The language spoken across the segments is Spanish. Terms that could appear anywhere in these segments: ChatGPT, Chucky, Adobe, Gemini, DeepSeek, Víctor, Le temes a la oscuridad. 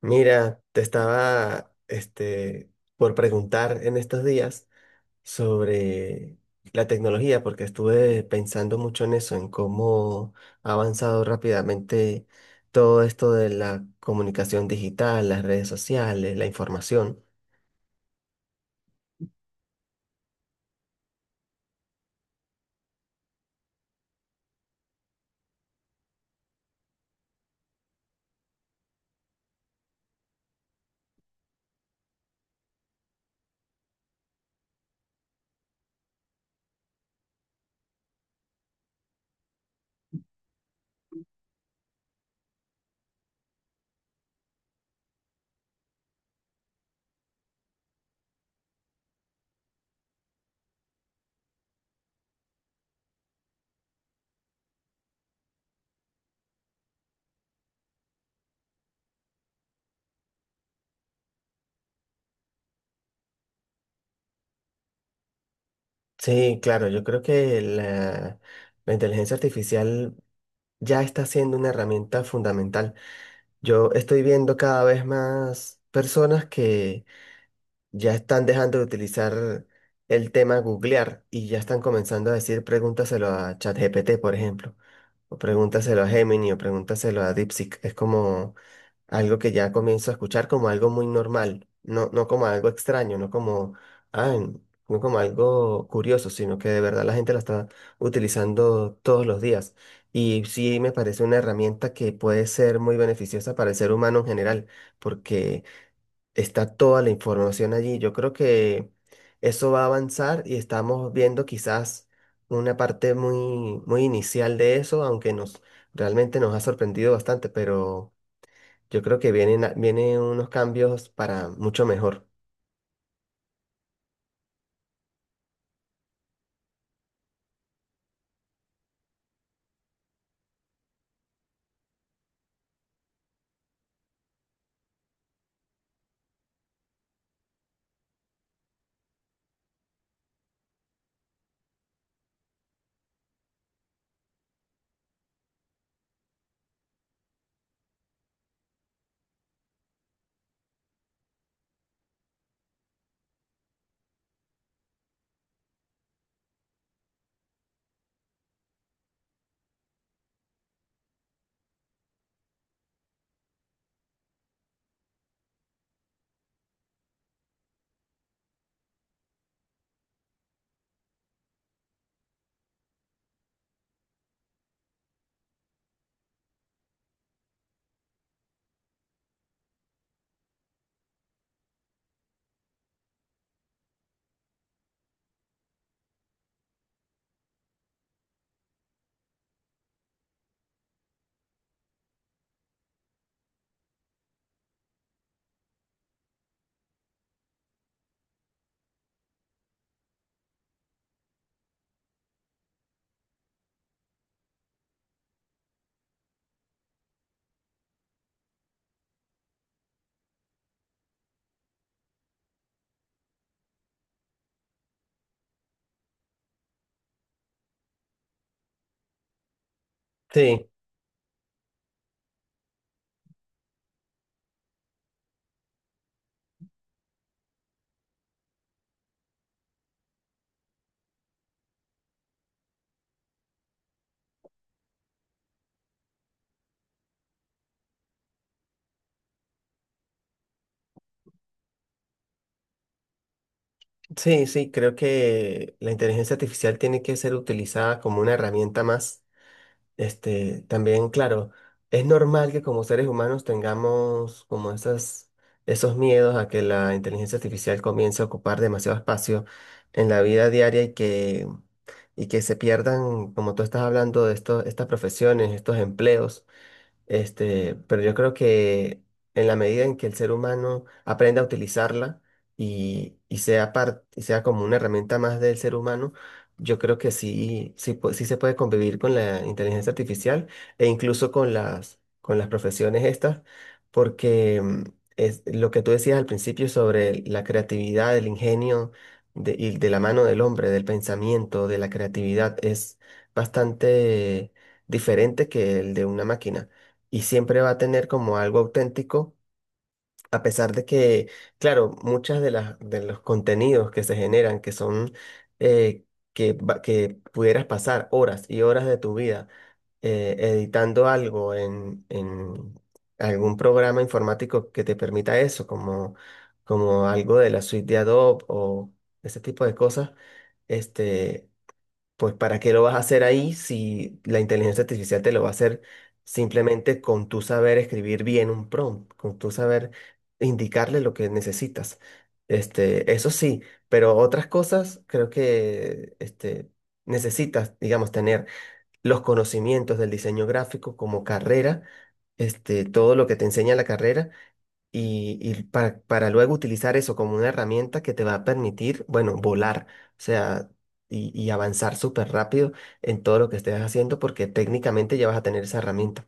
Mira, te estaba por preguntar en estos días sobre la tecnología, porque estuve pensando mucho en eso, en cómo ha avanzado rápidamente todo esto de la comunicación digital, las redes sociales, la información. Sí, claro, yo creo que la inteligencia artificial ya está siendo una herramienta fundamental. Yo estoy viendo cada vez más personas que ya están dejando de utilizar el tema googlear y ya están comenzando a decir pregúntaselo a ChatGPT, por ejemplo, o pregúntaselo a Gemini o pregúntaselo a DeepSeek. Es como algo que ya comienzo a escuchar como algo muy normal, no, no como algo extraño, no como, ah, no como algo curioso, sino que de verdad la gente la está utilizando todos los días. Y sí me parece una herramienta que puede ser muy beneficiosa para el ser humano en general, porque está toda la información allí. Yo creo que eso va a avanzar y estamos viendo quizás una parte muy, muy inicial de eso, aunque nos realmente nos ha sorprendido bastante, pero yo creo que vienen, vienen unos cambios para mucho mejor. Sí, sí, sí, creo que la inteligencia artificial tiene que ser utilizada como una herramienta más. Este, también, claro, es normal que como seres humanos tengamos como esos miedos a que la inteligencia artificial comience a ocupar demasiado espacio en la vida diaria y y que se pierdan, como tú estás hablando, de estas profesiones, estos empleos. Este, pero yo creo que en la medida en que el ser humano aprenda a utilizarla y sea y sea como una herramienta más del ser humano, yo creo que sí, sí, sí se puede convivir con la inteligencia artificial e incluso con con las profesiones estas, porque es lo que tú decías al principio sobre la creatividad, el ingenio de, y de la mano del hombre, del pensamiento, de la creatividad, es bastante diferente que el de una máquina y siempre va a tener como algo auténtico, a pesar de que, claro, muchas de las de los contenidos que se generan, que son eh, que pudieras pasar horas y horas de tu vida editando algo en algún programa informático que te permita eso, como, como algo de la suite de Adobe o ese tipo de cosas. Este, pues ¿para qué lo vas a hacer ahí si la inteligencia artificial te lo va a hacer simplemente con tu saber escribir bien un prompt, con tu saber indicarle lo que necesitas? Este, eso sí, pero otras cosas creo que este, necesitas, digamos, tener los conocimientos del diseño gráfico como carrera, este, todo lo que te enseña la carrera y para luego utilizar eso como una herramienta que te va a permitir, bueno, volar, o sea, y avanzar súper rápido en todo lo que estés haciendo porque técnicamente ya vas a tener esa herramienta.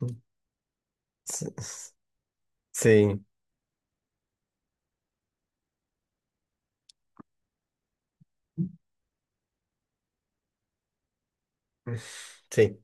Mm. Sí, sí, mm, sí.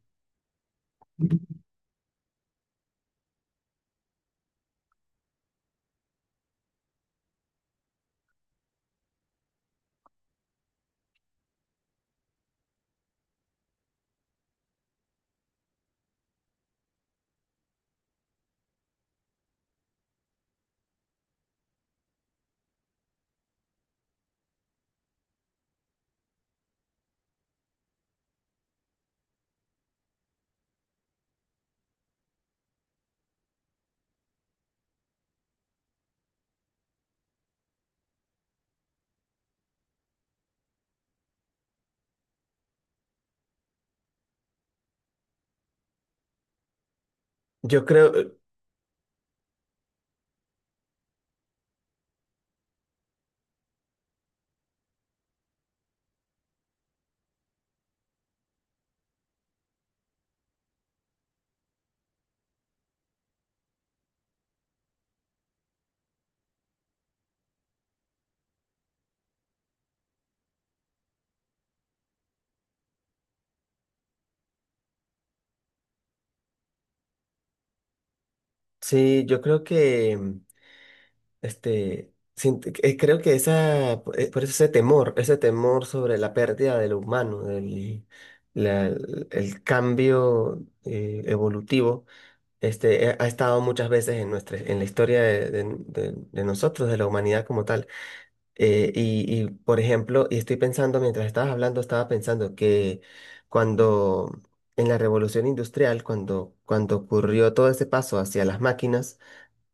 Yo creo, sí, yo creo este, creo que por eso ese temor sobre la pérdida del humano, la- el cambio evolutivo. Este, ha estado muchas veces en nuestra, en la historia de, de nosotros, de la humanidad como tal. Y, por ejemplo, y estoy pensando, mientras estabas hablando, estaba pensando que cuando en la revolución industrial, cuando ocurrió todo ese paso hacia las máquinas,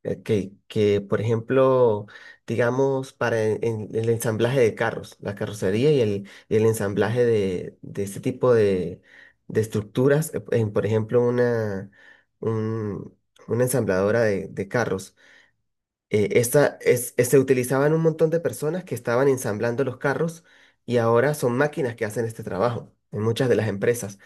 Que, por ejemplo, digamos, para en el ensamblaje de carros, la carrocería y y el ensamblaje de este tipo de estructuras, en, por ejemplo, un- una ensambladora de carros. Eh, se utilizaban un montón de personas que estaban ensamblando los carros y ahora son máquinas que hacen este trabajo en muchas de las empresas.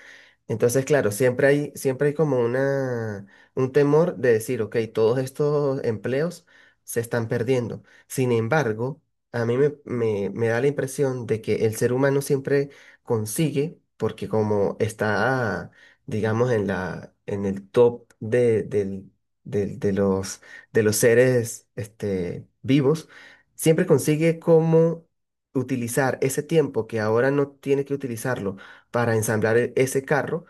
Entonces, claro, siempre hay como un temor de decir, ok, todos estos empleos se están perdiendo. Sin embargo, a mí me da la impresión de que el ser humano siempre consigue, porque como está, digamos, en en el top de de los seres este, vivos, siempre consigue cómo utilizar ese tiempo que ahora no tiene que utilizarlo para ensamblar ese carro,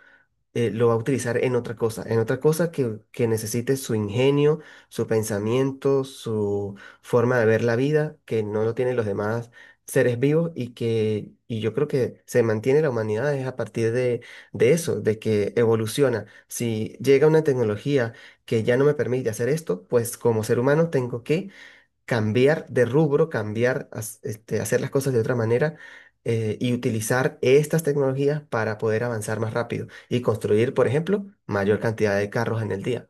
lo va a utilizar en otra cosa que necesite su ingenio, su pensamiento, su forma de ver la vida, que no lo tienen los demás seres vivos y yo creo que se mantiene la humanidad es a partir de eso, de que evoluciona. Si llega una tecnología que ya no me permite hacer esto, pues como ser humano tengo que cambiar de rubro, hacer las cosas de otra manera, y utilizar estas tecnologías para poder avanzar más rápido y construir, por ejemplo, mayor cantidad de carros en el día.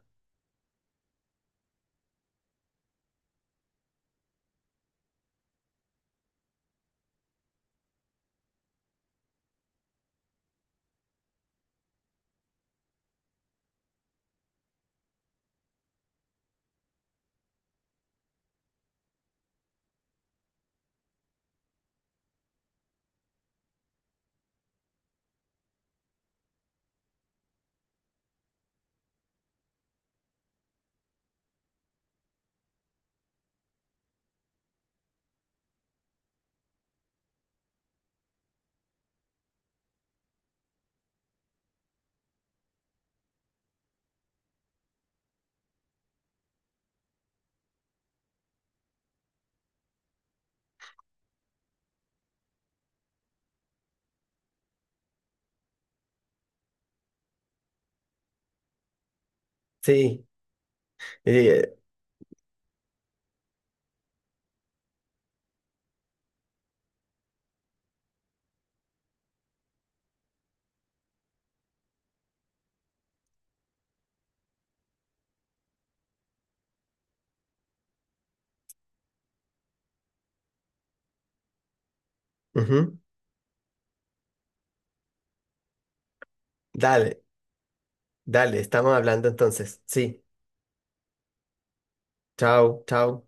Sí, eh, ujú. Dale, dale, estamos hablando entonces. Sí, chao, chao.